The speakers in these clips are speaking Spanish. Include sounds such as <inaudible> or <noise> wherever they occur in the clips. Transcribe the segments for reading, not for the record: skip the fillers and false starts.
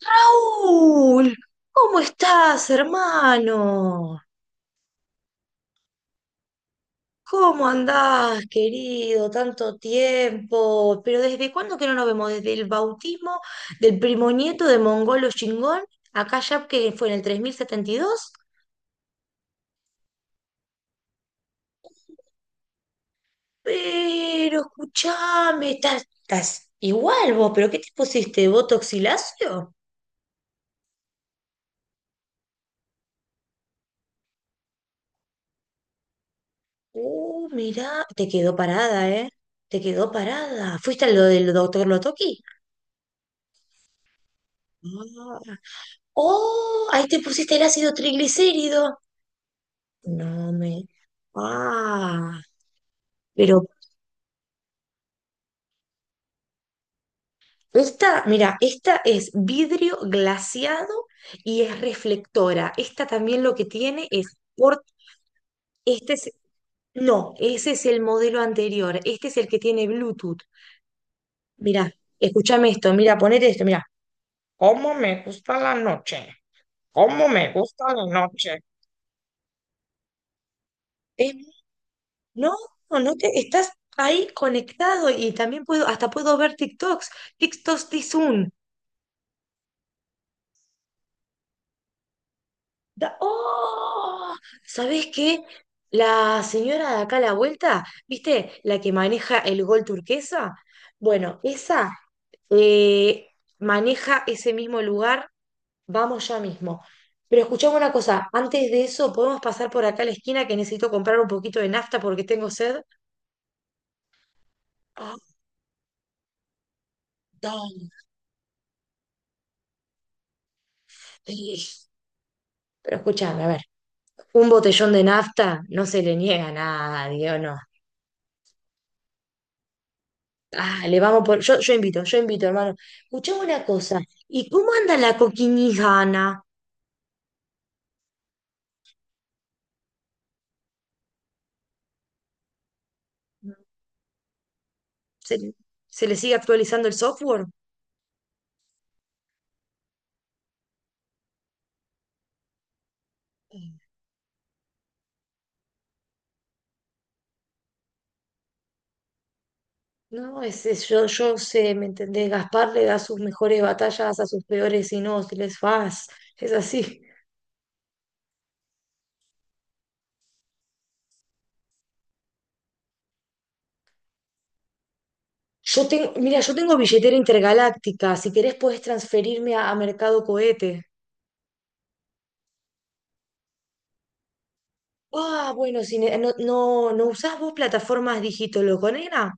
Raúl, ¿cómo estás, hermano? ¿Cómo andás, querido? Tanto tiempo. Pero ¿desde cuándo que no nos vemos? Desde el bautismo del primo nieto de Mongolo Chingón, acá ya que fue en el 3072. Pero escuchame, estás igual vos, pero ¿qué te pusiste? ¿Botox y lacio? Mirá, te quedó parada, ¿eh? Te quedó parada. ¿Fuiste a lo del doctor Lotoki? Oh, ahí te pusiste el ácido triglicérido. No me. Ah, pero esta, mira, esta es vidrio glaseado y es reflectora. Esta también lo que tiene es por este es no, ese es el modelo anterior. Este es el que tiene Bluetooth. Mira, escúchame esto, mira, ponete esto, mira. ¿Cómo está? ¿Cómo está la noche? Es- no, no, no te estás ahí conectado y también puedo hasta puedo ver TikToks. TikToks de Zoom. ¡Oh! ¿Sabés qué? La señora de acá a la vuelta, ¿viste? La que maneja el gol turquesa. Bueno, esa eh, maneja ese mismo lugar. Vamos ya mismo. Pero escuchame una cosa, antes de eso, ¿podemos pasar por acá a la esquina que necesito comprar un poquito de nafta porque tengo sed? Ah, dale. Pero escuchame, a ver, un botellón de nafta no se le niega a nadie, ¿o no? Ah, le vamos por. Yo invito, yo invito, hermano. Escuchame una cosa. ¿Y cómo anda la coquinijana? ¿Se, se le sigue actualizando el software? No, ese, yo sé, ¿me entendés? Gaspar le da sus mejores batallas a sus peores inútiles. Faz. Es así. Yo tengo, mira, yo tengo billetera intergaláctica. Si querés podés transferirme a Mercado Cohete. Ah, bueno, no, no, no usás vos plataformas digitologónicas.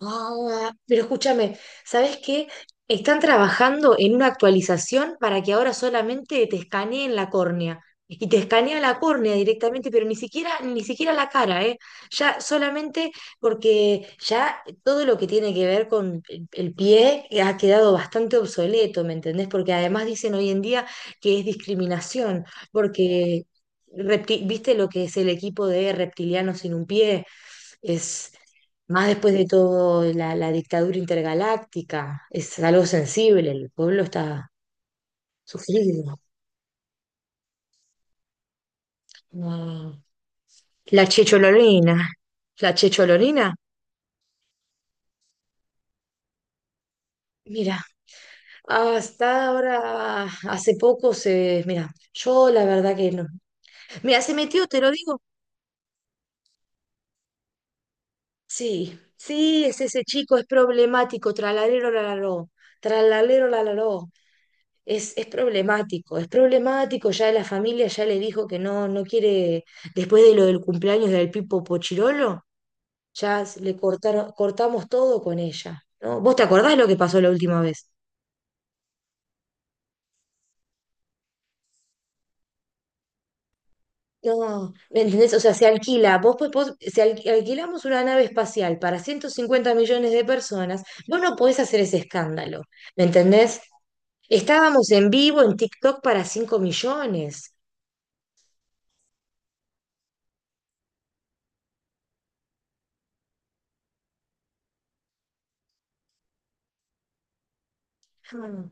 Ah, pero escúchame, ¿sabes qué? Están trabajando en una actualización para que ahora solamente te escaneen la córnea. Y te escanea la córnea directamente, pero ni siquiera, ni siquiera la cara, ¿eh? Ya solamente porque ya todo lo que tiene que ver con el pie ha quedado bastante obsoleto, ¿me entendés? Porque además dicen hoy en día que es discriminación, porque viste lo que es el equipo de reptilianos sin un pie. Es más, después de todo la dictadura intergaláctica, es algo sensible, el pueblo está sufrido. Ah, La chechololina, la chechololina, mira, hasta ahora, mira, yo la verdad que no. Mira, se metió, te lo digo. Sí, sí, es ese chico, es problemático, tralalero, lalaró, tralalero, lalaró. Es problemático, es problemático, ya la familia ya le dijo que no, no quiere, después de lo del cumpleaños del Pipo Pochirolo, le cortaron, cortamos todo con ella, ¿no? ¿Vos te acordás lo que pasó la última vez? No, ¿me entendés? O sea, se alquila, vos, po- vos- si al- alquilamos una nave espacial para 150 millones de personas, vos no podés hacer ese escándalo, ¿me entendés? Estábamos en vivo en TikTok para 5 millones. Ah.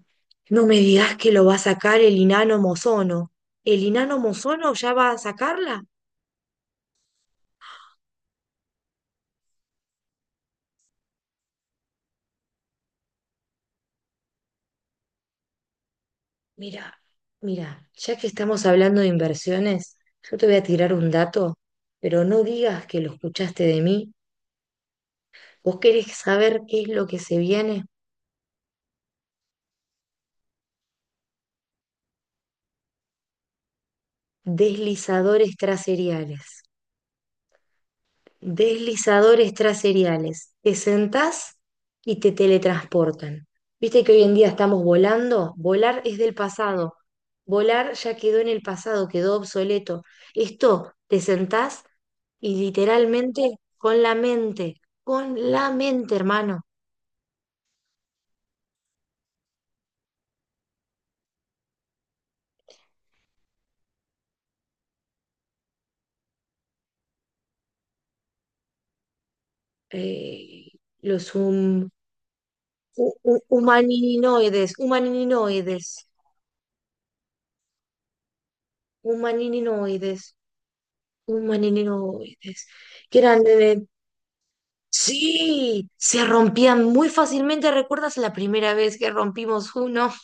No me digas que lo va a sacar el inano mozono. ¿El inano mozono ya va a sacarla? Mira, mira, ya que estamos hablando de inversiones, yo te voy a tirar un dato, pero no digas que lo escuchaste de mí. ¿Vos querés saber qué es lo que se viene? Deslizadores traseriales. Te sentás y te teletransportan. Viste que hoy en día estamos volando. Volar es del pasado. Volar ya quedó en el pasado, quedó obsoleto. Esto, te sentás y literalmente con la mente, hermano. Eh, los hum- hu- hu- humaninoides, humaninoides, humaninoides, humaninoides, que eran. Sí, se rompían muy fácilmente. ¿Recuerdas la primera vez que rompimos uno? <laughs>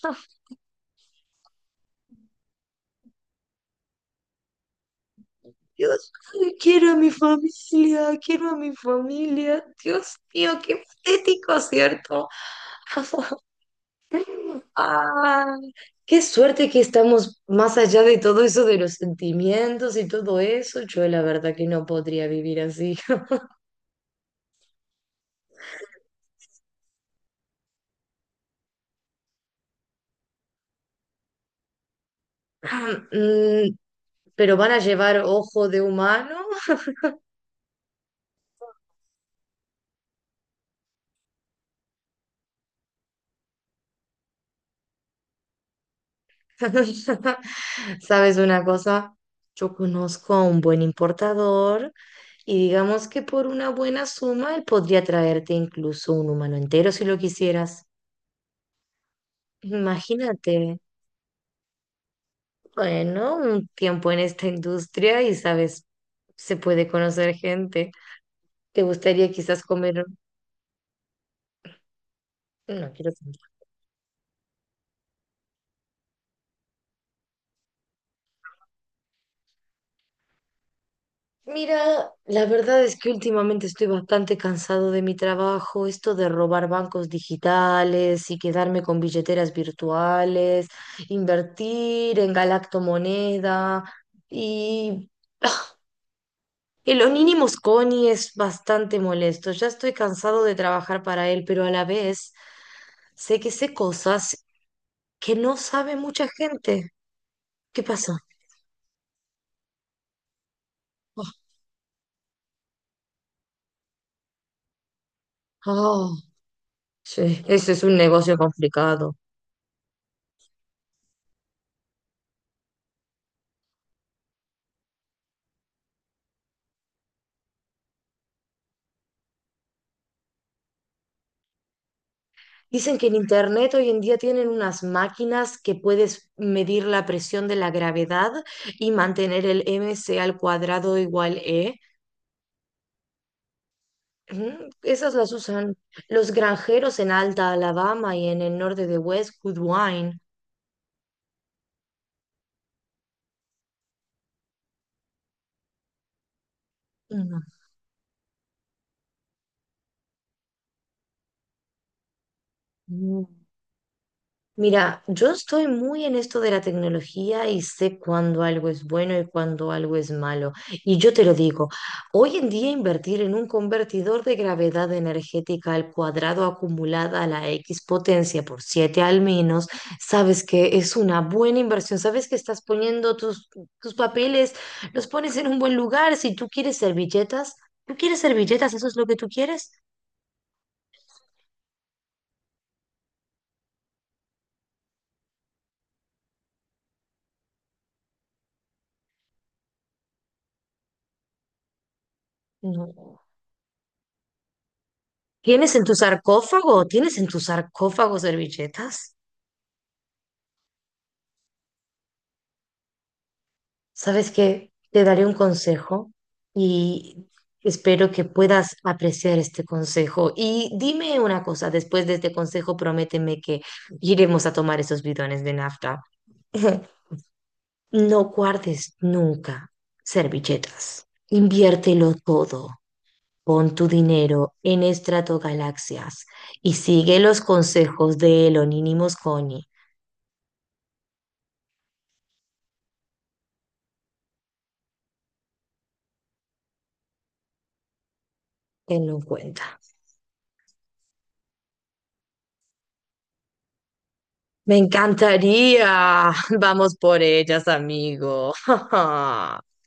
Dios, ay, quiero a mi familia, quiero a mi familia. Dios mío, qué patético, ¿cierto? <laughs> Ay, qué suerte que estamos más allá de todo eso de los sentimientos y todo eso. Yo la verdad que no podría vivir así. <laughs> Mm, pero van a llevar ojo de humano. <laughs> ¿Sabes una cosa? Yo conozco a un buen importador y digamos que por una buena suma él podría traerte incluso un humano entero si lo quisieras. Imagínate, bueno, un tiempo en esta industria y sabes, se puede conocer gente. ¿Te gustaría quizás comer? No quiero. Mira, la verdad es que últimamente estoy bastante cansado de mi trabajo, esto de robar bancos digitales y quedarme con billeteras virtuales, invertir en galactomoneda y ah, el los mínimos Connie es bastante molesto. Ya estoy cansado de trabajar para él, pero a la vez sé que sé cosas que no sabe mucha gente. ¿Qué pasa? Oh, sí, ese es un negocio complicado. Dicen que en internet hoy en día tienen unas máquinas que puedes medir la presión de la gravedad y mantener el m c al cuadrado igual E. Ujú, esas las usan los granjeros en Alta Alabama y en el norte de West Goodwine. Mm. Mira, yo estoy muy en esto de la tecnología y sé cuándo algo es bueno y cuándo algo es malo. Y yo te lo digo, hoy en día invertir en un convertidor de gravedad energética al cuadrado acumulada a la X potencia por 7 al menos, sabes que es una buena inversión, sabes que estás poniendo tus, papeles, los pones en un buen lugar. Si tú quieres servilletas, ¿tú quieres servilletas? ¿Eso es lo que tú quieres? No. ¿Tienes en tu sarcófago? ¿Tienes en tu sarcófago servilletas? Sabes que te daré un consejo y espero que puedas apreciar este consejo. Y dime una cosa, después de este consejo, prométeme que iremos a tomar esos bidones de nafta. <laughs> No guardes nunca servilletas. Inviértelo todo. Pon tu dinero en Estratogalaxias y sigue los consejos de Elonímos Coni. Tenlo en cuenta. Me encantaría. <laughs> Vamos por ellas, amigo. <laughs>